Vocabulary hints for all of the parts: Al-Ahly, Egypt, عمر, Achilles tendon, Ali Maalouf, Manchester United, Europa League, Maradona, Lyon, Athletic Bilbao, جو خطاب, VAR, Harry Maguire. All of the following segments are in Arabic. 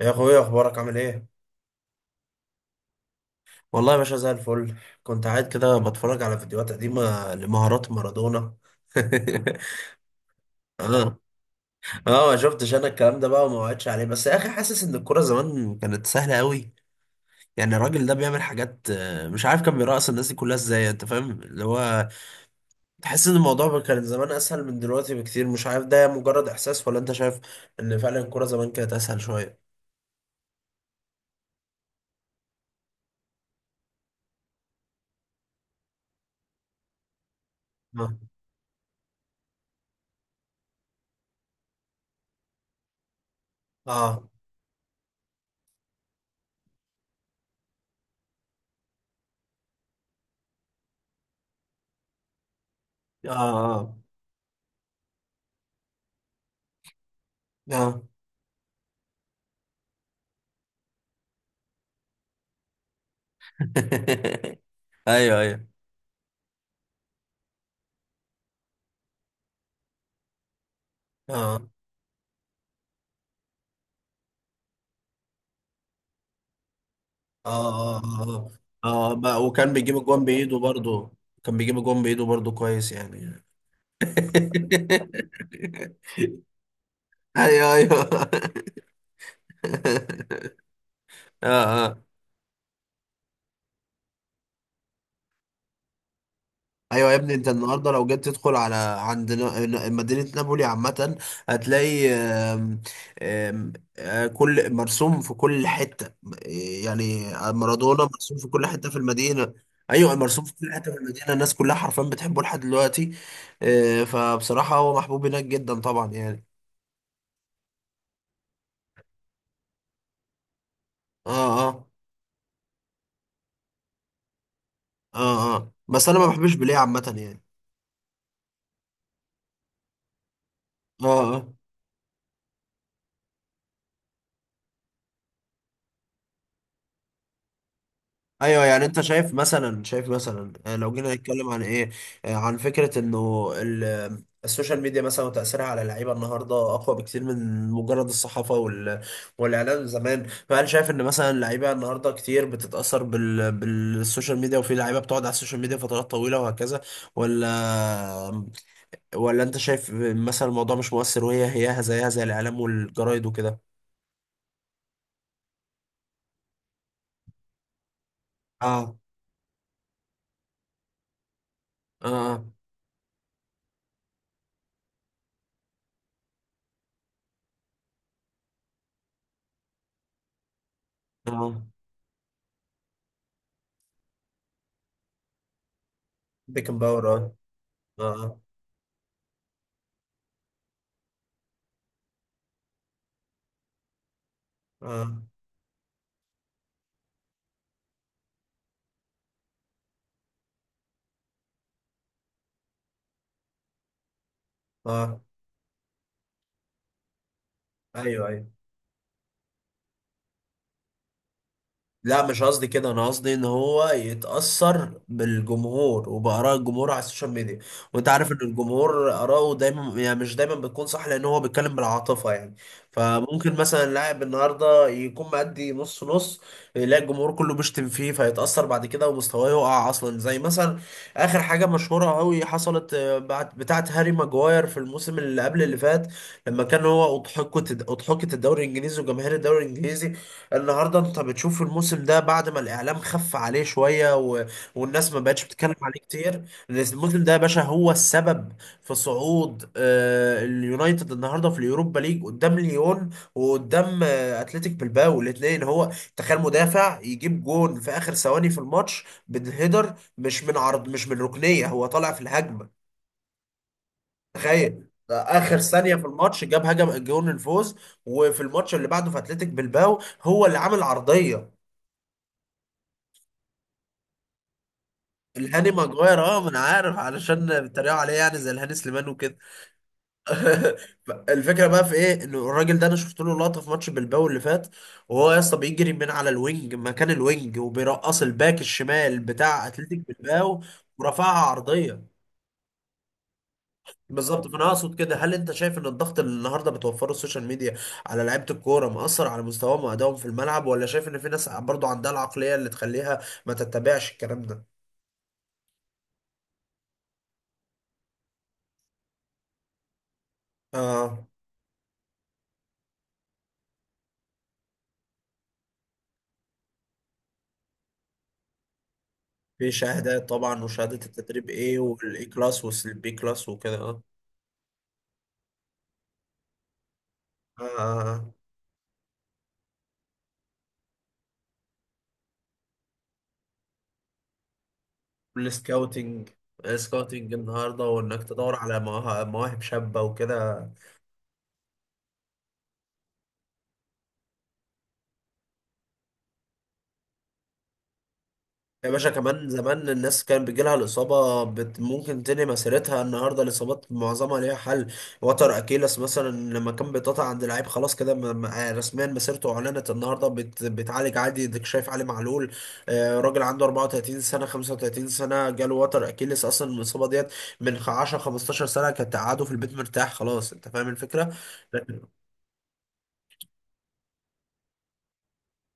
يا اخويا، اخبارك عامل ايه؟ والله يا باشا زي الفل. كنت قاعد كده بتفرج على فيديوهات قديمه لمهارات مارادونا. اه اه، ما شفتش انا الكلام ده بقى وما وعدتش عليه، بس يا اخي حاسس ان الكوره زمان كانت سهله قوي. يعني الراجل ده بيعمل حاجات، مش عارف كان بيرقص الناس دي كلها ازاي، انت فاهم اللي هو. تحس ان الموضوع كان زمان اسهل من دلوقتي بكتير. مش عارف ده مجرد احساس ولا انت شايف ان فعلا الكوره زمان كانت اسهل شويه. اه اه. اه اه, آه. ايوه ايوه. اه اه اه اه آه، بقى وكان بيجيب الجون بايده برضه. كويس يعني. ايوه ايوه. اه اه. ايوه يا ابني، انت النهارده لو جيت تدخل على عند مدينه نابولي عامه، هتلاقي آم، كل مرسوم في كل حته. يعني مارادونا مرسوم في كل حته في المدينه. ايوه مرسوم في كل حته في المدينه. الناس كلها حرفيا بتحبه لحد دلوقتي. فبصراحه هو محبوب هناك جدا طبعا يعني. اه اه اه اه. بس انا ما بحبش بيليه عامه يعني. اه اه. ايوه، يعني انت شايف مثلا، شايف مثلا، لو جينا نتكلم عن ايه، عن فكره انه السوشيال ميديا مثلا وتاثيرها على اللعيبه النهارده اقوى بكتير من مجرد الصحافه والاعلام زمان. فهل شايف ان مثلا اللعيبه النهارده كتير بتتاثر بالسوشيال ميديا، وفي لعيبه بتقعد على السوشيال ميديا فترات طويله وهكذا؟ ولا، آه، ولا انت شايف مثلا الموضوع مش مؤثر، وهي هياها زيها زي الاعلام والجرايد وكده؟ اه اه اه. بيكن باور، اه. اه اه اه. ايوه ايوه. لا مش قصدي كده، انا قصدي ان هو يتاثر بالجمهور وباراء الجمهور على السوشيال ميديا. وانت عارف ان الجمهور اراءه دايما، يعني مش دايما بتكون صح، لان هو بيتكلم بالعاطفه يعني. فممكن مثلا لاعب النهارده يكون مأدي نص نص، يلاقي الجمهور كله بيشتم فيه فيتاثر بعد كده ومستواه يقع اصلا. زي مثلا اخر حاجه مشهوره قوي حصلت، بعد بتاعه هاري ماجواير في الموسم اللي قبل اللي فات، لما كان هو اضحكت الدوري الانجليزي وجماهير الدوري الانجليزي. النهارده انت بتشوف الموسم ده، بعد ما الاعلام خف عليه شويه والناس ما بقتش بتتكلم عليه كتير، الموسم ده يا باشا هو السبب في صعود آه اليونايتد النهارده في اليوروبا ليج قدام ليون وقدام آه اتلتيك بلباو الاثنين. هو تخيل مدافع يجيب جون في اخر ثواني في الماتش بالهيدر، مش من عرض، مش من ركنيه، هو طالع في الهجمه. تخيل اخر ثانيه في الماتش جاب هجم جون الفوز، وفي الماتش اللي بعده في اتلتيك بلباو هو اللي عامل عرضيه. الهاني ماجواير، اه ما انا عارف، علشان بيتريقوا عليه يعني زي الهاني سليمان وكده. الفكره بقى في ايه؟ انه الراجل ده انا شفت له لقطه في ماتش بالباو اللي فات، وهو يا اسطى بيجري من على الوينج مكان الوينج، وبيرقص الباك الشمال بتاع اتلتيك بالباو ورفعها عرضيه. بالظبط. فانا اقصد كده، هل انت شايف ان الضغط اللي النهارده بتوفره السوشيال ميديا على لعيبه الكوره مأثر على مستواهم وادائهم في الملعب، ولا شايف ان في ناس برضو عندها العقليه اللي تخليها ما تتبعش الكلام ده؟ اه، في شهادات طبعا، وشهادة التدريب ايه، والاي كلاس والبي كلاس وكده، اه. آه، والسكاوتنج، سكاوتنج النهارده، وانك تدور على مواهب، مواهب شابة وكده. يا باشا كمان زمان الناس كان بيجيلها الإصابة، بت ممكن تنهي مسيرتها. النهاردة الإصابات معظمها ليها حل. وتر أكيلس مثلا لما كان بيتقطع عند لعيب، خلاص كده رسميا مسيرته أعلنت. النهاردة بت بتعالج عادي، اديك شايف علي معلول، راجل عنده 34 سنة، 35 سنة، جاله وتر أكيلس. أصلا الإصابة ديت من 10، 15 سنة كانت قعده في البيت مرتاح خلاص، أنت فاهم الفكرة.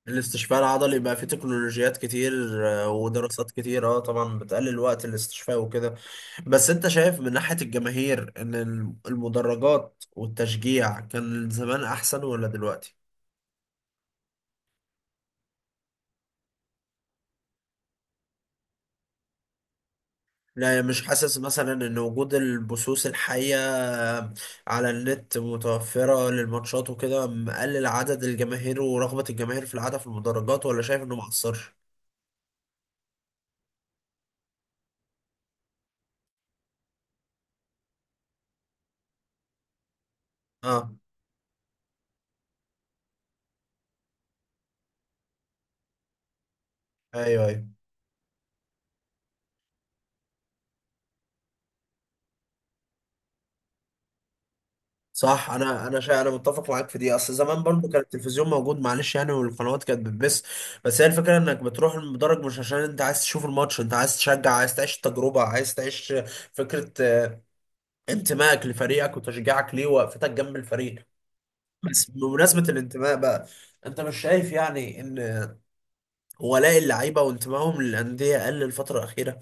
الاستشفاء العضلي بقى فيه تكنولوجيات كتير، ودراسات كتير، اه طبعا، بتقلل وقت الاستشفاء وكده. بس انت شايف من ناحية الجماهير ان المدرجات والتشجيع كان زمان احسن ولا دلوقتي؟ لا مش حاسس مثلا ان وجود البثوث الحية آه، على النت متوفرة للماتشات وكده مقلل عدد الجماهير ورغبة الجماهير في العادة في المدرجات، ولا شايف انه مقصرش؟ اه. ايوه ايوه. صح، انا انا متفق معاك في دي. اصل زمان برضو كان التلفزيون موجود معلش يعني والقنوات كانت بتبث. بس هي الفكره، انك بتروح المدرج مش عشان انت عايز تشوف الماتش، انت عايز تشجع، عايز تعيش التجربه، عايز تعيش فكره انتمائك لفريقك وتشجيعك ليه ووقفتك جنب الفريق. بس بمناسبه الانتماء بقى، انت مش شايف يعني ان ولاء اللعيبه وانتمائهم للانديه قل الفتره الاخيره،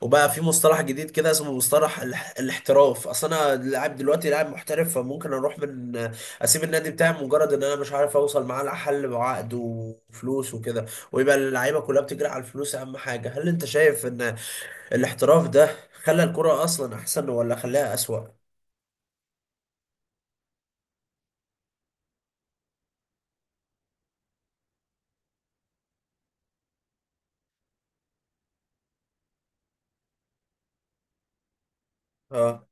وبقى في مصطلح جديد كده اسمه مصطلح الاحتراف؟ اصل انا لاعب دلوقتي، لاعب محترف، فممكن اروح من، اسيب النادي بتاعي مجرد ان انا مش عارف اوصل معاه لحل وعقد وفلوس وكده، ويبقى اللعيبه كلها بتجري على الفلوس اهم حاجه. هل انت شايف ان الاحتراف ده خلى الكره اصلا احسن ولا خلاها اسوأ؟ اه،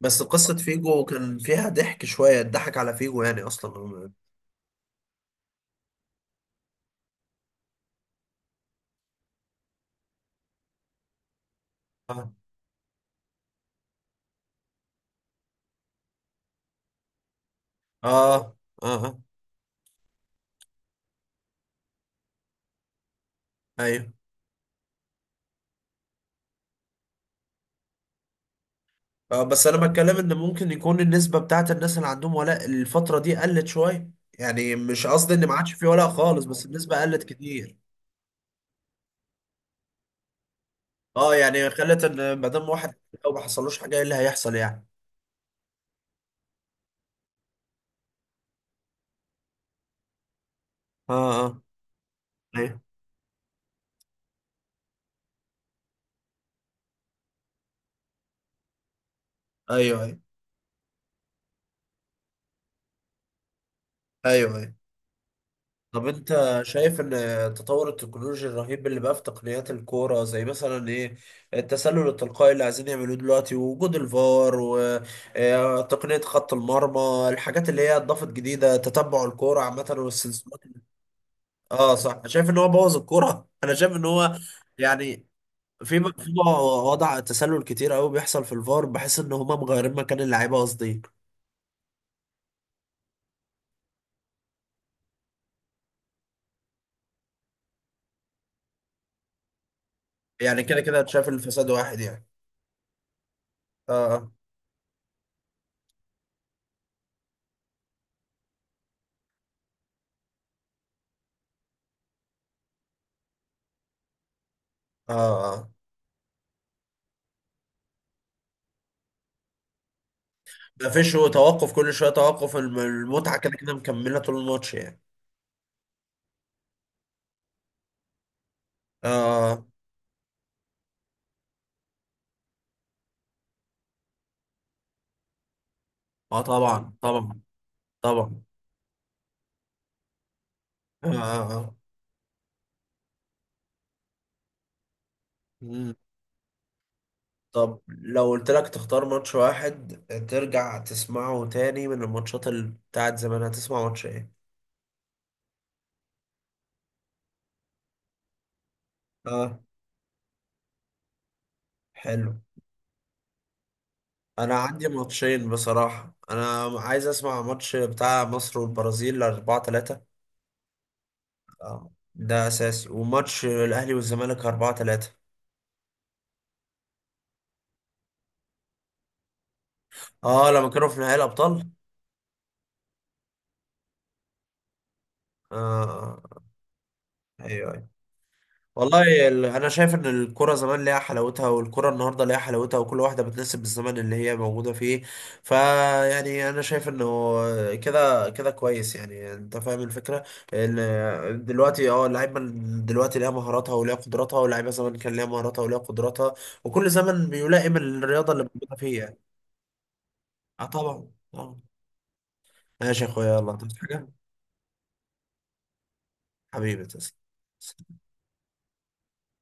بس قصه فيجو كان فيها ضحك شويه، اتضحك على فيجو يعني اصلا. اه اه اه. ايوه. اه، بس انا بتكلم ان ممكن يكون النسبه بتاعت الناس اللي عندهم ولاء الفتره دي قلت شويه. يعني مش قصدي ان ما عادش في ولاء خالص، بس النسبه قلت كتير. اه يعني خلت ان ما دام واحد لو ما حصلوش حاجه، ايه اللي هيحصل يعني؟ اه اه. ايوه ايوه. ايوه ايوه. طب انت شايف ان التطور التكنولوجي الرهيب اللي بقى في تقنيات الكوره، زي مثلا ايه، التسلل التلقائي اللي عايزين يعملوه دلوقتي، ووجود الفار، وتقنيه خط المرمى، الحاجات اللي هي اضافت جديده تتبع الكوره عامه والسلسلات؟ اه صح، شايف ان هو بوظ الكوره؟ انا شايف ان هو يعني، في وضع تسلل كتير قوي بيحصل في الفار، بحس ان هما مغيرين مكان اللعيبه قصدي. يعني كده كده شايف الفساد واحد يعني. اه اه اه. ما فيش، هو توقف كل شويه توقف، المتعه كده كده مكمله طول الماتش يعني. اه اه. طبعا طبعا طبعا. اه اه. آه. مم. طب لو قلت لك تختار ماتش واحد ترجع تسمعه تاني من الماتشات اللي بتاعت زمان، هتسمع ماتش ايه؟ اه، حلو. انا عندي ماتشين بصراحه، انا عايز اسمع ماتش بتاع مصر والبرازيل 4-3، اه ده اساسي، وماتش الاهلي والزمالك 4-3. اه، لما كانوا في نهائي الابطال. آه آه. ايوه ايوه. والله، انا شايف ان الكرة زمان ليها حلاوتها والكرة النهارده ليها حلاوتها، وكل واحدة بتناسب الزمن اللي هي موجودة فيه. فيعني انا شايف انه كده كده كويس يعني، انت فاهم الفكرة. ان دلوقتي اه اللعيبة دلوقتي ليها مهاراتها وليها قدراتها، واللعيبة زمان كان ليها مهاراتها وليها قدراتها، وكل زمن بيلائم الرياضة اللي موجودة فيه يعني. اه طبعا طبعا. ماشي يا اخويا، يلا. عايز حاجة؟ حبيبي تسلم.